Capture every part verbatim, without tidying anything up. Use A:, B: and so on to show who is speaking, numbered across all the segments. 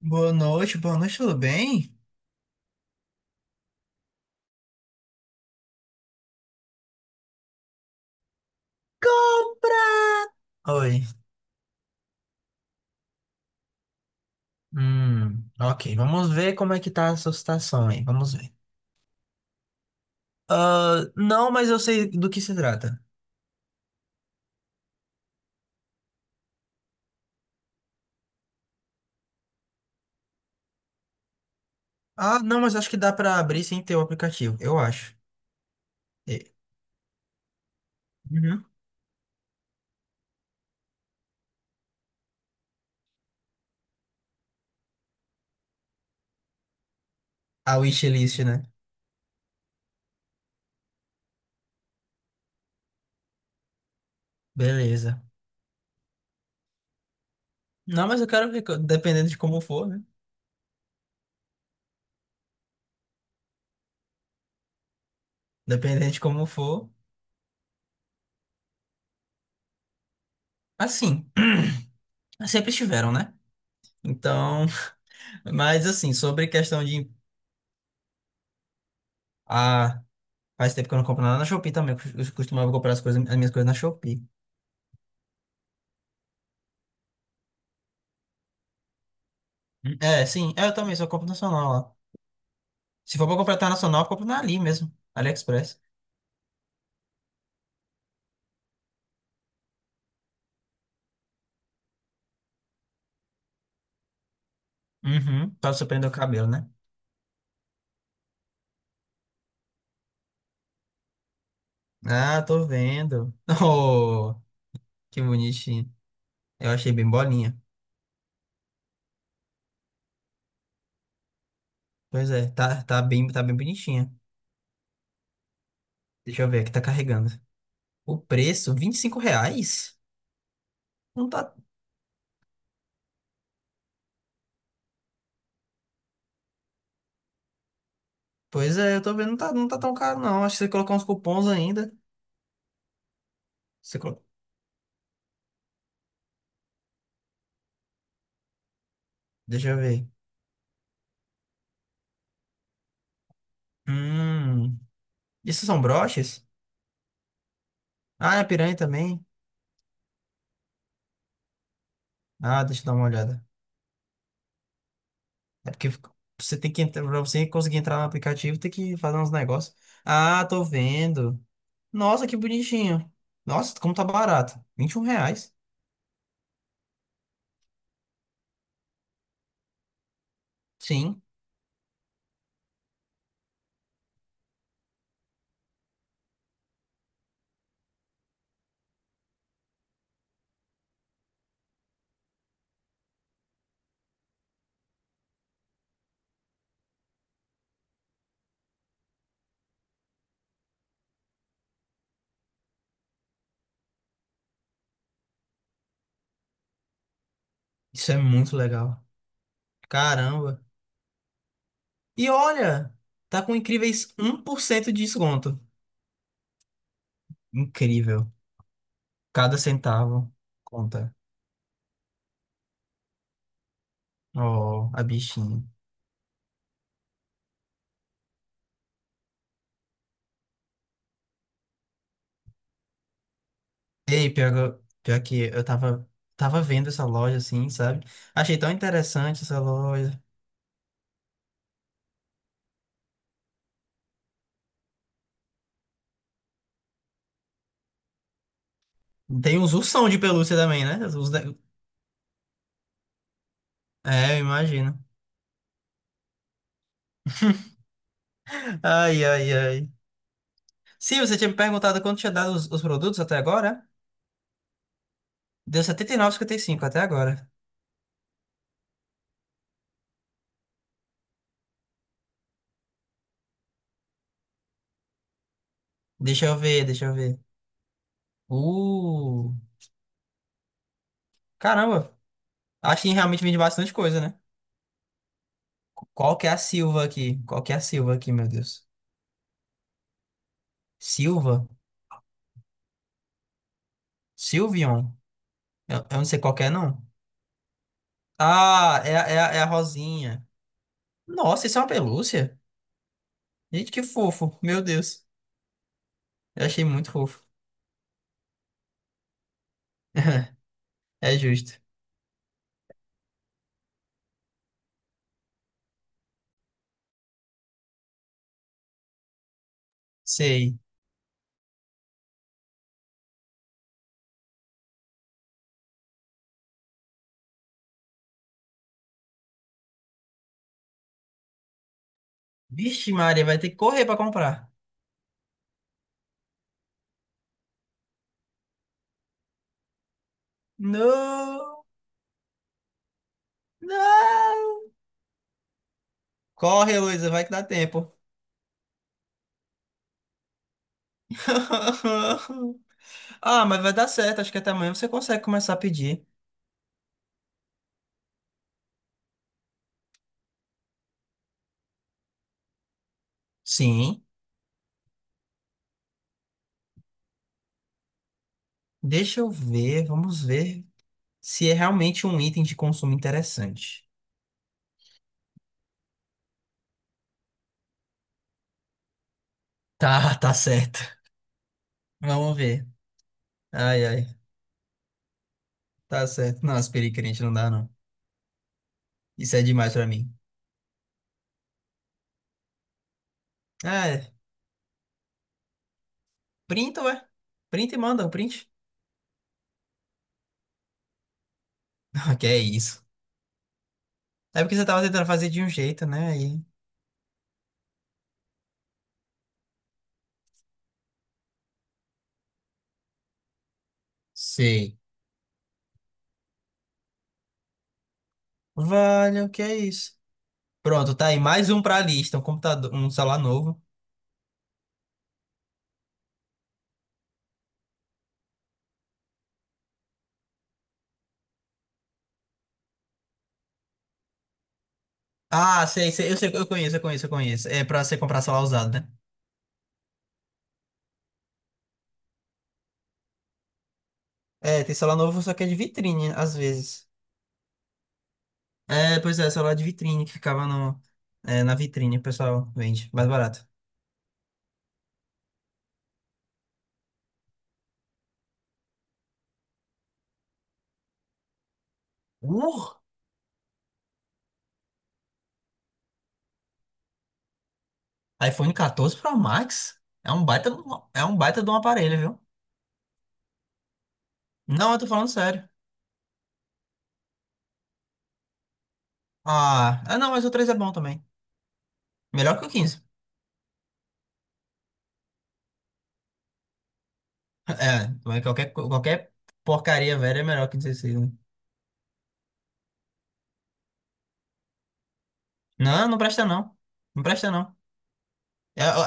A: Boa noite, boa noite, tudo bem? Oi. Hum, ok, vamos ver como é que tá a sua situação aí, vamos ver. Ah, não, mas eu sei do que se trata. Ah, não, mas acho que dá pra abrir sem ter o aplicativo, eu acho. E- Uhum. A wishlist, né? Beleza. Não, mas eu quero ver, co- dependendo de como for, né? Dependendo de como for. Assim, sempre estiveram, né? Então, mas assim, sobre questão de. Ah. Faz tempo que eu não compro nada na Shopee também. Eu costumava comprar as coisas, as minhas coisas na Shopee. Hum. É, sim. É, eu também só compro nacional lá. Se for pra comprar internacional, eu compro na Ali mesmo. AliExpress. Uhum. Pra você prender o cabelo, né? Ah, tô vendo. Oh, que bonitinho. Eu achei bem bolinha. Pois é, tá, tá bem, tá bem bonitinha. Deixa eu ver aqui, tá carregando. O preço, vinte e cinco reais? Não tá. Pois é, eu tô vendo, não tá, não tá tão caro, não. Acho que você colocar uns cupons ainda. Você colo- Deixa eu ver. Hum. Isso são broches? Ah, é piranha também? Ah, deixa eu dar uma olhada. É porque fica- Você tem que entrar, pra você conseguir entrar no aplicativo, tem que fazer uns negócios. Ah, tô vendo. Nossa, que bonitinho. Nossa, como tá barato. Vinte e um reais. Sim, isso é muito legal. Caramba. E olha, tá com incríveis um por cento de desconto. Incrível. Cada centavo conta. Oh, a bichinha. Ei, pior, pior que eu tava, tava vendo essa loja assim, sabe? Achei tão interessante essa loja. Tem uns ursão de pelúcia também, né? Os ne- É, eu imagino. Ai, ai, ai. Sim, você tinha me perguntado quanto tinha dado os, os produtos até agora? Né? Deu setenta e e nove, vírgula cinquenta e cinco até agora. Deixa eu ver, deixa eu ver. Uh, caramba. Acho que realmente vende bastante coisa, né? Qual que é a Silva aqui? Qual que é a Silva aqui, meu Deus? Silva? Silvion? Eu, eu não sei qual que é, não. Ah, é, a- é, a- é a Rosinha. Nossa, isso é uma pelúcia? Gente, que fofo. Meu Deus. Eu achei muito fofo. É justo. Sei. Vixe, Maria, vai ter que correr pra comprar. Não! Não! Corre, Heloísa, vai que dá tempo. Ah, mas vai dar certo. Acho que até amanhã você consegue começar a pedir. Sim. Deixa eu ver. Vamos ver se é realmente um item de consumo interessante. Tá, tá certo. Vamos ver. Ai, ai. Tá certo. Não, aspirei crente não dá, não. Isso é demais pra mim. É, printa, ué. Printa e manda um print. Que é isso. É porque você tava tentando fazer de um jeito, né? Aí. Sei. Vale, o que é isso? Pronto, tá aí. Mais um pra lista. Um computador, um celular novo. Ah, sei, sei. Eu sei, eu conheço, eu conheço, eu conheço. É pra você comprar celular usado, né? É, tem celular novo, só que é de vitrine, às vezes. É, pois é, celular de vitrine que ficava no, é, na vitrine, o pessoal vende. Mais barato. Uh! iPhone catorze Pro Max é um baita, é um baita de um aparelho, viu? Não, eu tô falando sério. Ah, ah, não, mas o três é bom também. Melhor que o quinze. É, mas qualquer, qualquer porcaria velha é melhor que o dezesseis, né? Não, não presta não. Não presta não.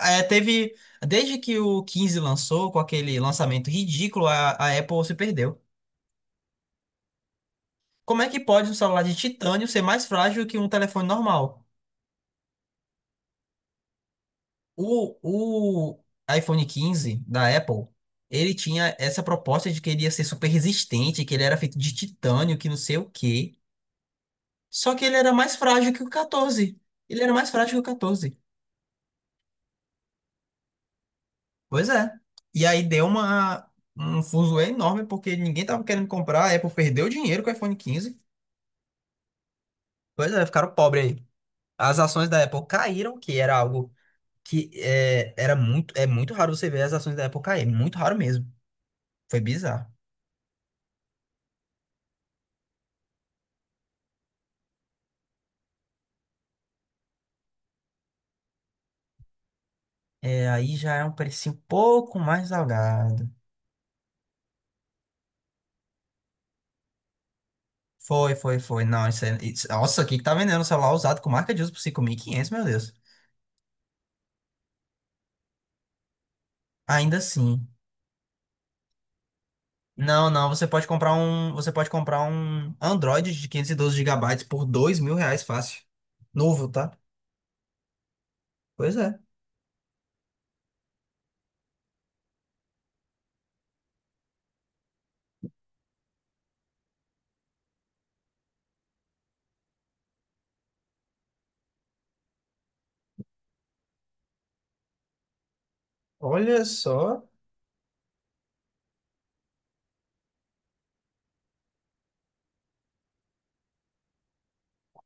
A: É, é, teve, Desde que o quinze lançou, com aquele lançamento ridículo, a, a Apple se perdeu. Como é que pode um celular de titânio ser mais frágil que um telefone normal? O, o iPhone quinze da Apple, ele tinha essa proposta de que ele ia ser super resistente, que ele era feito de titânio, que não sei o quê. Só que ele era mais frágil que o catorze. Ele era mais frágil que o quatorze. Pois é. E aí deu uma, um fuzuê enorme, porque ninguém tava querendo comprar, a Apple perdeu dinheiro com o iPhone quinze. Pois é, ficaram pobres aí. As ações da Apple caíram, que era algo que é, era muito, é muito raro você ver as ações da Apple cair, é muito raro mesmo. Foi bizarro. É, aí já é um preço um pouco mais salgado. Foi, foi, foi. Não, isso é. Isso, nossa, aqui que tá vendendo um celular usado com marca de uso por cinco mil e quinhentos, meu Deus. Ainda assim. Não, não, você pode comprar um. Você pode comprar um Android de quinhentos e doze gigabytes por dois mil reais, fácil. Novo, tá? Pois é. Olha só.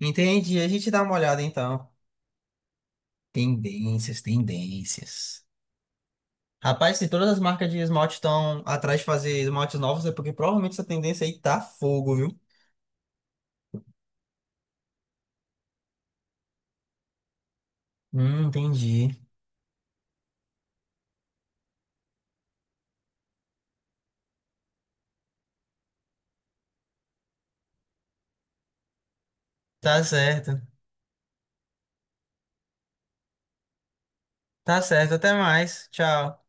A: Entendi. A gente dá uma olhada então. Tendências, tendências. Rapaz, se todas as marcas de esmalte estão atrás de fazer esmaltes novos, é porque provavelmente essa tendência aí tá fogo, viu? Hum, entendi. Tá certo. Tá certo. Até mais. Tchau.